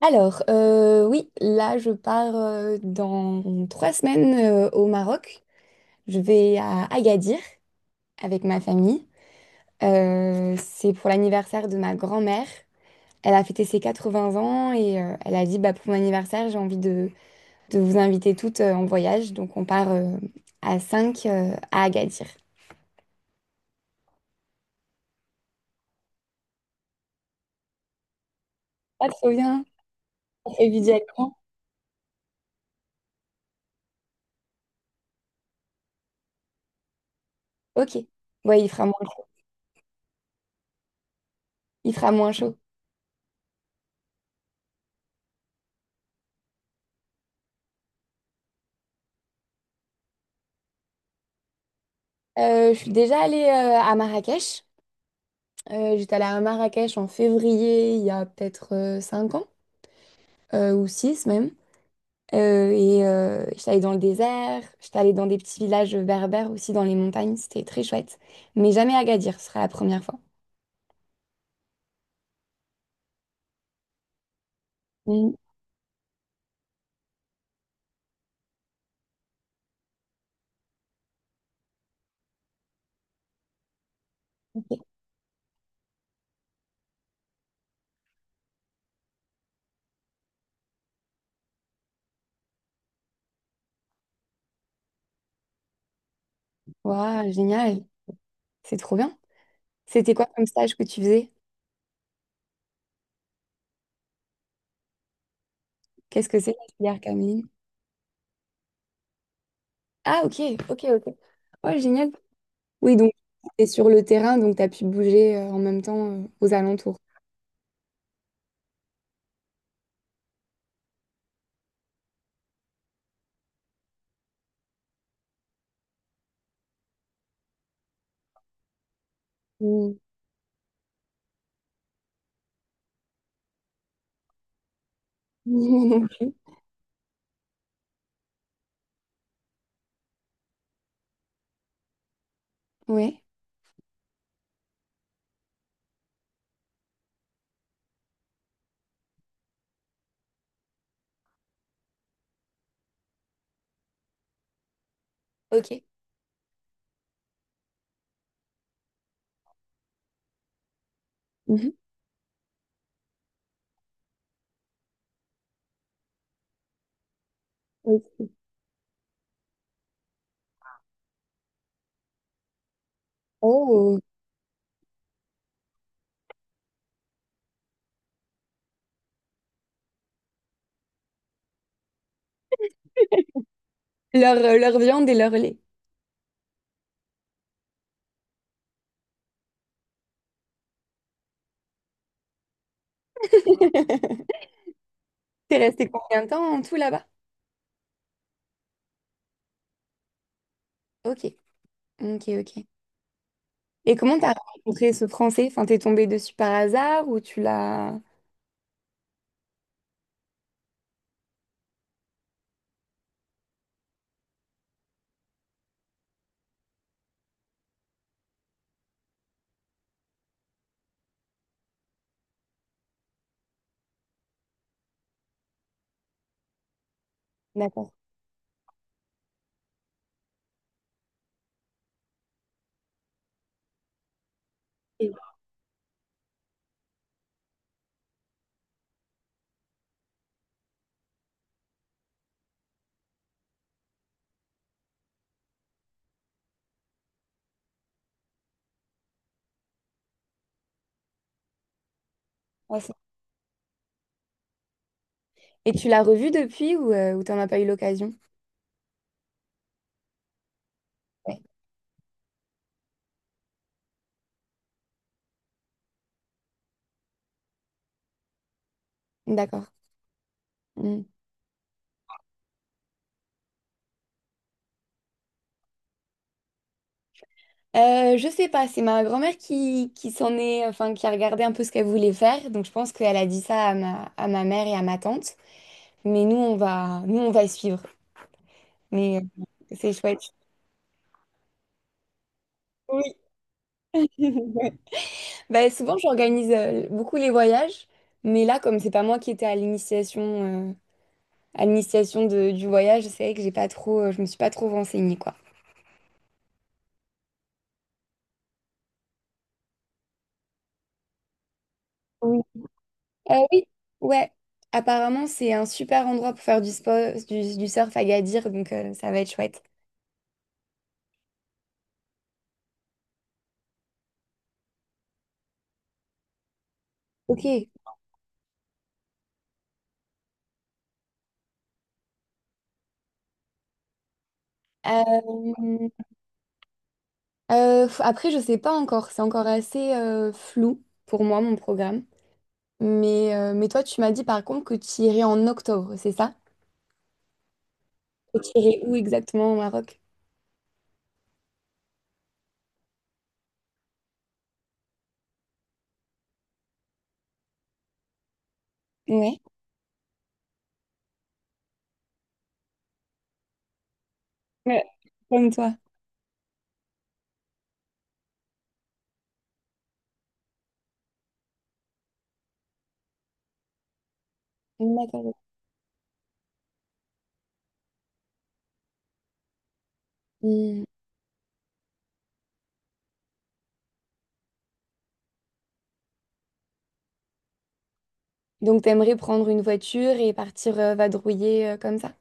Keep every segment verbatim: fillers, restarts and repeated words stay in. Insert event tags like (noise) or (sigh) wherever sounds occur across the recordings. Alors, euh, oui, là, je pars euh, dans trois semaines euh, au Maroc. Je vais à Agadir avec ma famille. Euh, c'est pour l'anniversaire de ma grand-mère. Elle a fêté ses quatre-vingts ans et euh, elle a dit, bah, pour mon anniversaire, j'ai envie de, de vous inviter toutes euh, en voyage. Donc, on part euh, à cinq euh, à Agadir. Ah, trop bien. On fait viser à. Ok. Ouais, il fera moins chaud. Il fera moins chaud. Euh, je suis déjà allée euh, à Marrakech. Euh, j'étais allée à Marrakech en février, il y a peut-être euh, cinq ans, euh, ou six même. Euh, et euh, j'étais allée dans le désert, j'étais allée dans des petits villages berbères aussi, dans les montagnes, c'était très chouette. Mais jamais à Agadir, ce sera la première fois. Mm. Ok. Waouh, génial, c'est trop bien. C'était quoi comme stage que tu faisais? Qu'est-ce que c'est la filière cameline? Ah, ok, ok, ok. Ouais, génial. Oui, donc t'es sur le terrain, donc t'as pu bouger euh, en même temps euh, aux alentours. Mm. (laughs) Moi non plus. (laughs) Ouais, ok. Ok. Oh. euh, Leur, euh, leur viande et leur lait. (laughs) T'es resté combien de temps en tout là-bas? Ok, ok, ok. Et comment t'as rencontré ce Français? Enfin, t'es tombé dessus par hasard ou tu l'as… D'accord. Et ah, c'est- et Tu l'as revu depuis ou, euh, ou t'en as pas eu l'occasion? Ouais. D'accord. Mm. Euh, je sais pas, c'est ma grand-mère qui, qui s'en est, enfin, qui a regardé un peu ce qu'elle voulait faire. Donc je pense qu'elle a dit ça à ma, à ma mère et à ma tante. Mais nous, on va, nous, on va suivre. Mais euh, c'est chouette. Oui. (laughs) Bah, souvent, j'organise euh, beaucoup les voyages, mais là, comme c'est pas moi qui étais à l'initiation euh, à l'initiation de- du voyage, c'est vrai que j'ai pas trop, euh, je me suis pas trop renseignée, quoi. Oui. Euh, oui, ouais. Apparemment, c'est un super endroit pour faire du sport, du, du surf à Gadir, donc euh, ça va être chouette. Ok. Euh, euh, f- Après, je sais pas encore. C'est encore assez euh, flou pour moi, mon programme. Mais, euh, mais toi, tu m'as dit par contre que tu irais en octobre, c'est ça? Et tu irais où exactement au Maroc? Ouais. Ouais, comme toi. D'accord. Hmm. Donc, t'aimerais prendre une voiture et partir euh, vadrouiller euh, comme ça?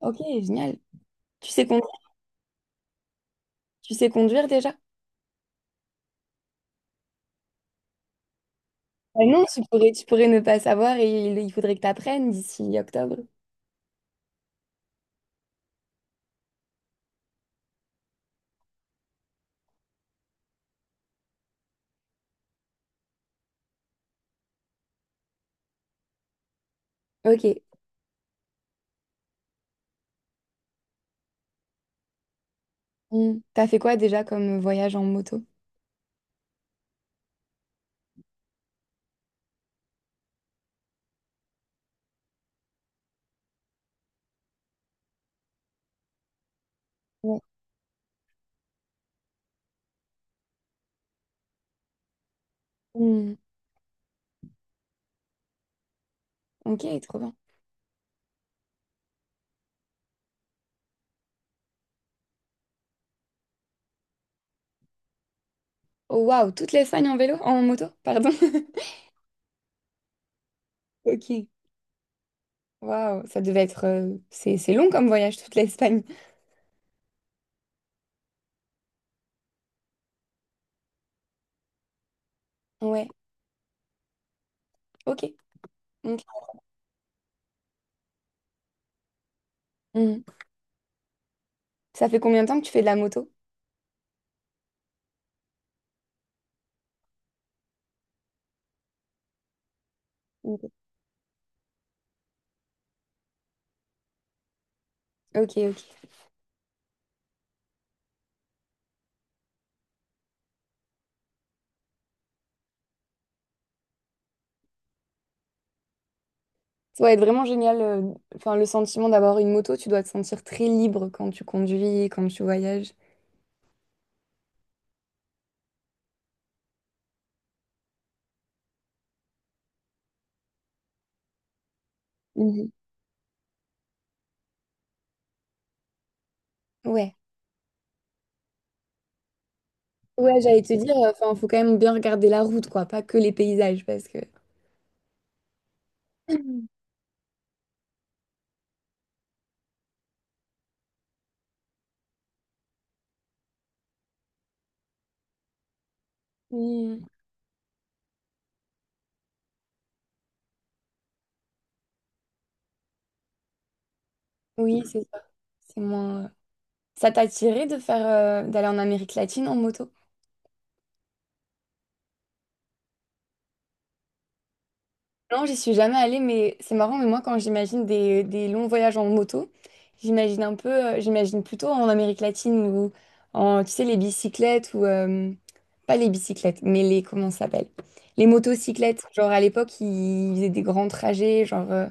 Ok, génial. Tu sais conduire, Tu sais conduire déjà? Bah non, tu pourrais, tu pourrais ne pas savoir et il, il faudrait que tu apprennes d'ici octobre. Ok. Hmm. T'as fait quoi déjà comme voyage en moto? Ouais. Hmm. Ok, trop bien. Oh waouh, toute l'Espagne en vélo, en moto, pardon. (laughs) Ok. Waouh, ça devait être. Euh, c'est c'est long comme voyage, toute l'Espagne. Ouais, ok. Ok. Hmm. Ça fait combien de temps que tu fais de la moto? Ok, ok. Ok. Ça doit être vraiment génial. euh, Enfin, le sentiment d'avoir une moto, tu dois te sentir très libre quand tu conduis, quand tu voyages. Mhm. Ouais. Ouais, j'allais te dire, euh, enfin, faut quand même bien regarder la route, quoi, pas que les paysages, parce que. (laughs) Mm. Oui, c'est ça. C'est moins. euh, Ça t'a attiré de faire, euh, d'aller en Amérique latine en moto? Non, j'y suis jamais allée, mais c'est marrant, mais moi quand j'imagine des, des longs voyages en moto, j'imagine un peu, euh, j'imagine plutôt en Amérique latine ou en, tu sais, les bicyclettes ou, euh, pas les bicyclettes, mais les, comment ça s'appelle? Les motocyclettes, genre à l'époque, ils faisaient des grands trajets, genre… euh,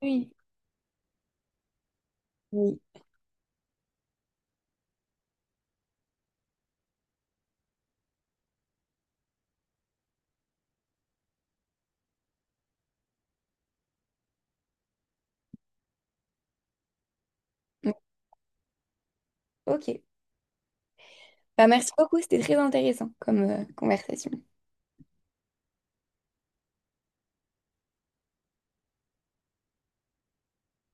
Oui. Oui. Ok. Bah, merci beaucoup, c'était très intéressant comme euh, conversation.